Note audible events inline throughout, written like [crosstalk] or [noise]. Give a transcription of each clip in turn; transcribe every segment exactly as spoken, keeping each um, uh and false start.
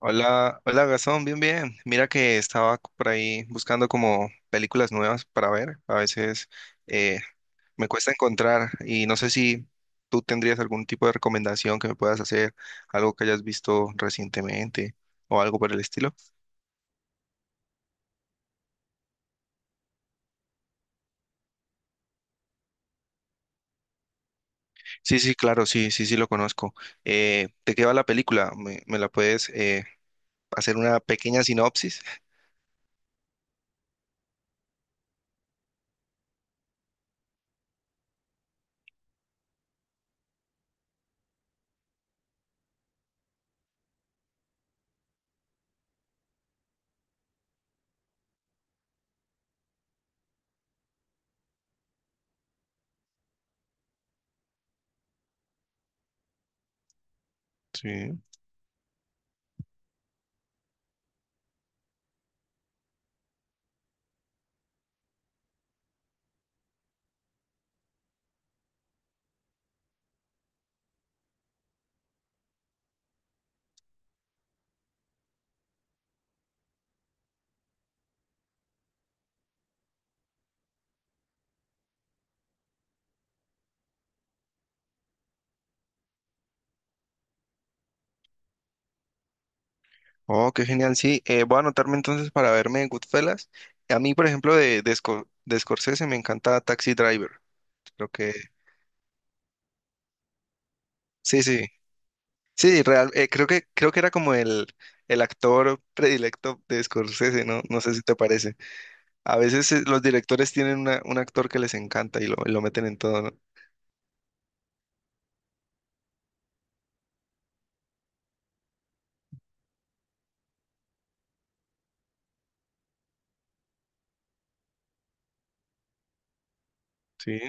Hola, hola Gastón, bien, bien. Mira que estaba c- por ahí buscando como películas nuevas para ver. A veces eh, me cuesta encontrar y no sé si tú tendrías algún tipo de recomendación que me puedas hacer, algo que hayas visto recientemente o algo por el estilo. Sí, sí, claro, sí, sí, sí lo conozco. Eh, ¿de qué va la película? ¿Me, me la puedes eh, hacer una pequeña sinopsis? Sí. Oh, qué genial, sí. Eh, voy a anotarme entonces para verme en Goodfellas. A mí, por ejemplo, de, de, Sco- de Scorsese me encanta Taxi Driver. Creo que, sí, sí, sí, real. eh, creo que, creo que era como el, el actor predilecto de Scorsese, ¿no? No sé si te parece. A veces eh, los directores tienen una- un actor que les encanta y lo, y lo meten en todo, ¿no? Sí.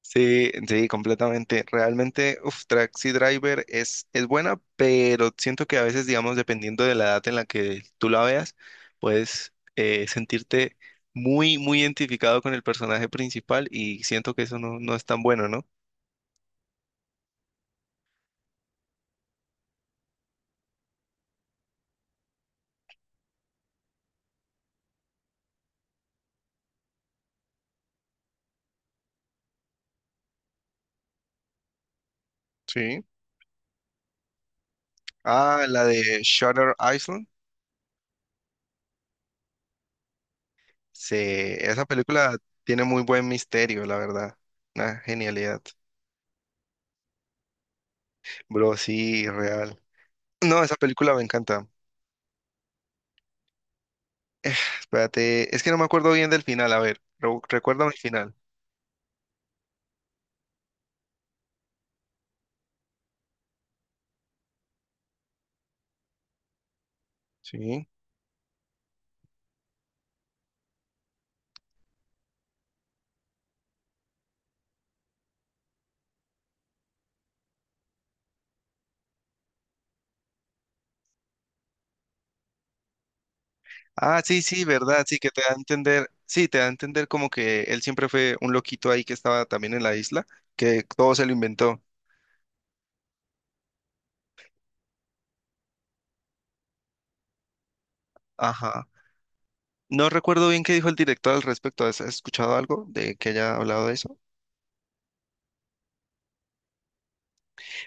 Sí, sí, completamente. Realmente, uf, Taxi Driver es, es buena, pero siento que a veces, digamos, dependiendo de la edad en la que tú la veas, puedes eh, sentirte muy, muy identificado con el personaje principal y siento que eso no, no es tan bueno, ¿no? Sí. Ah, la de Shutter Island. Sí, esa película tiene muy buen misterio, la verdad. Una genialidad. Bro, sí, real. No, esa película me encanta. Espérate, es que no me acuerdo bien del final, a ver, re- recuérdame el final. Sí. Ah, sí, sí, verdad, sí, que te da a entender, sí, te da a entender como que él siempre fue un loquito ahí que estaba también en la isla, que todo se lo inventó. Ajá. No recuerdo bien qué dijo el director al respecto. ¿Has has escuchado algo de que haya hablado de eso?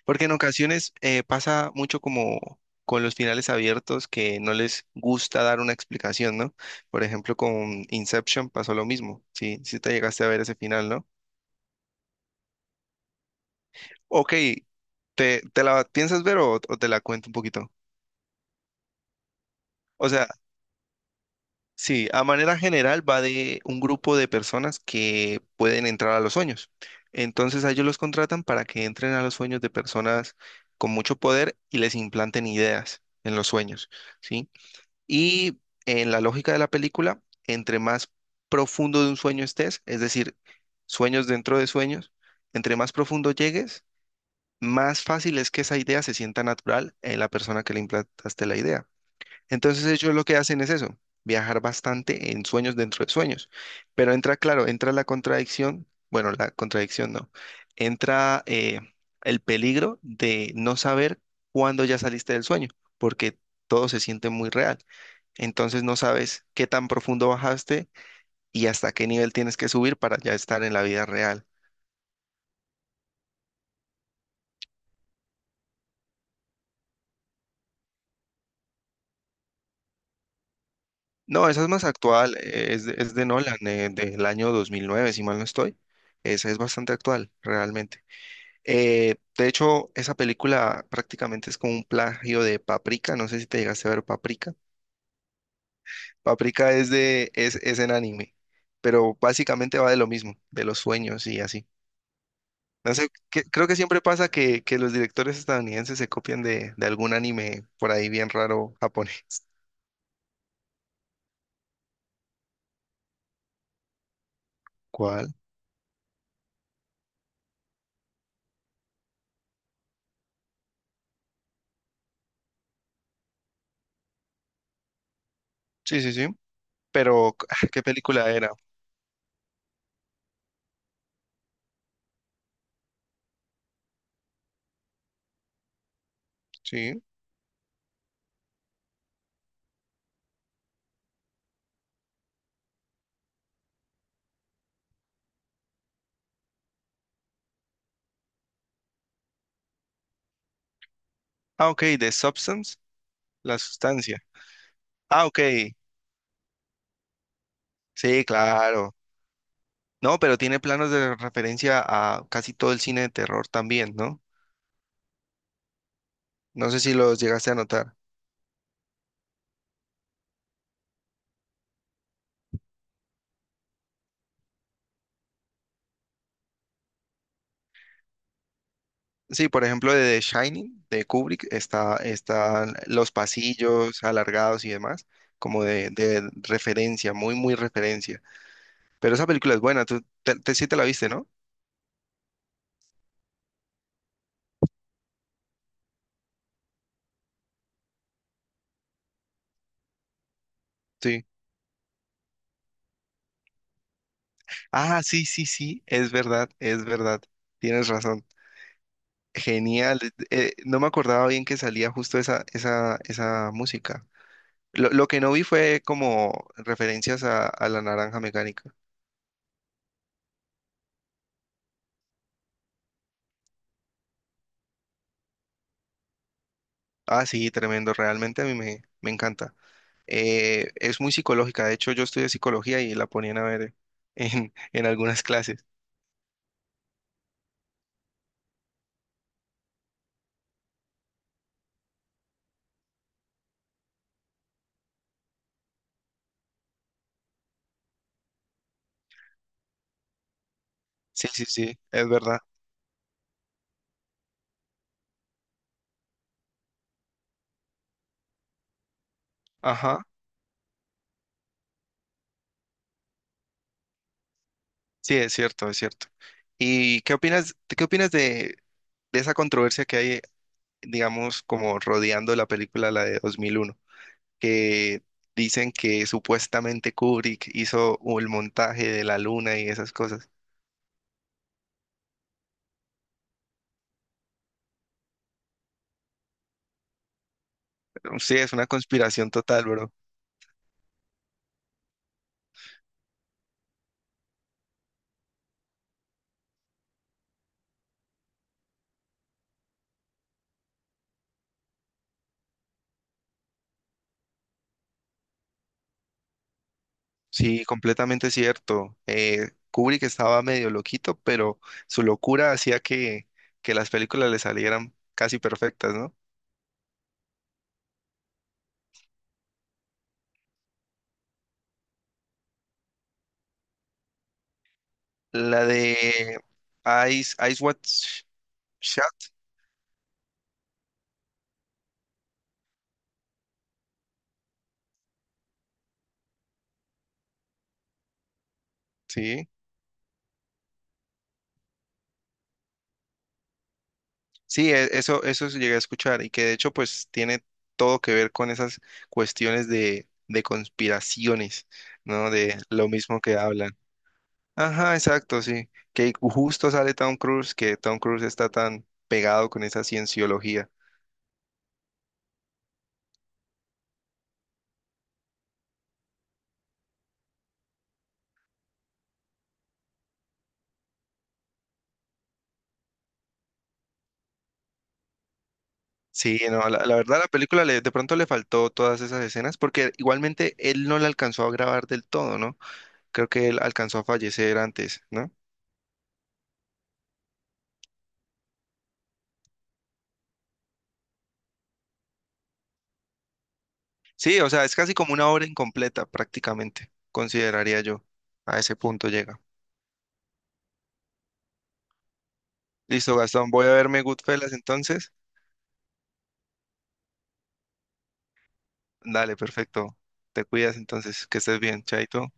Porque en ocasiones eh, pasa mucho como con los finales abiertos que no les gusta dar una explicación, ¿no? Por ejemplo, con Inception pasó lo mismo. Sí, sí te llegaste a ver ese final, ¿no? Ok, ¿te, te la piensas ver o, o te la cuento un poquito? O sea, sí, a manera general va de un grupo de personas que pueden entrar a los sueños. Entonces a ellos los contratan para que entren a los sueños de personas con mucho poder y les implanten ideas en los sueños, ¿sí? Y en la lógica de la película, entre más profundo de un sueño estés, es decir, sueños dentro de sueños, entre más profundo llegues, más fácil es que esa idea se sienta natural en la persona que le implantaste la idea. Entonces ellos lo que hacen es eso, viajar bastante en sueños dentro de sueños. Pero entra, claro, entra la contradicción, bueno, la contradicción no, entra eh, el peligro de no saber cuándo ya saliste del sueño, porque todo se siente muy real. Entonces no sabes qué tan profundo bajaste y hasta qué nivel tienes que subir para ya estar en la vida real. No, esa es más actual, eh, es de, es de Nolan, eh, del año dos mil nueve, si mal no estoy. Esa es bastante actual, realmente. Eh, de hecho, esa película prácticamente es como un plagio de Paprika, no sé si te llegaste a ver Paprika. Paprika es de, es, es en anime, pero básicamente va de lo mismo, de los sueños y así. No sé, que- creo que siempre pasa que, que, los directores estadounidenses se copian de, de algún anime por ahí bien raro japonés. ¿Cuál? Sí, sí, sí. Pero, ah, ¿qué película era? Sí. Ah, ok, de Substance, la sustancia. Ah, ok, sí, claro. No, pero tiene planos de referencia a casi todo el cine de terror también, ¿no? No sé si los llegaste a notar. Sí, por ejemplo, de The Shining, de Kubrick, está, están los pasillos alargados y demás, como de, de referencia, muy, muy referencia. Pero esa película es buena, tú te, te- sí te la viste, ¿no? Sí. Ah, sí, sí, sí, es verdad, es verdad. Tienes razón. Genial, eh, no me acordaba bien que salía justo esa, esa, esa música. Lo, lo que no vi fue como referencias a, a La naranja mecánica. Ah, sí, tremendo, realmente a mí me, me encanta. Eh, es muy psicológica, de hecho yo estudié psicología y la ponían a ver en, [laughs] en algunas clases. Sí, sí, sí, es verdad. Ajá, sí, es cierto, es cierto. ¿Y qué opinas, qué opinas de, de esa controversia que hay, digamos, como rodeando la película, la de dos mil uno? Que dicen que supuestamente Kubrick hizo el montaje de la luna y esas cosas. Sí, es una conspiración total, bro. Sí, completamente cierto. Eh, Kubrick estaba medio loquito, pero su locura hacía que, que las películas le salieran casi perfectas, ¿no? La de Eyes, Eyes Wide Shut, sí. Sí, e- eso, eso sí llegué a escuchar y que de hecho pues tiene todo que ver con esas cuestiones de, de conspiraciones, ¿no? De lo mismo que hablan. Ajá, exacto, sí. Que justo sale Tom Cruise, que Tom Cruise está tan pegado con esa cienciología. Sí, no, la, la verdad la película le- de pronto le faltó todas esas escenas porque igualmente él no la alcanzó a grabar del todo, ¿no? Creo que él alcanzó a fallecer antes, ¿no? Sí, o sea, es casi como una obra incompleta prácticamente, consideraría yo. A ese punto llega. Listo, Gastón, voy a verme Goodfellas entonces. Dale, perfecto. Te cuidas entonces, que estés bien, chaito.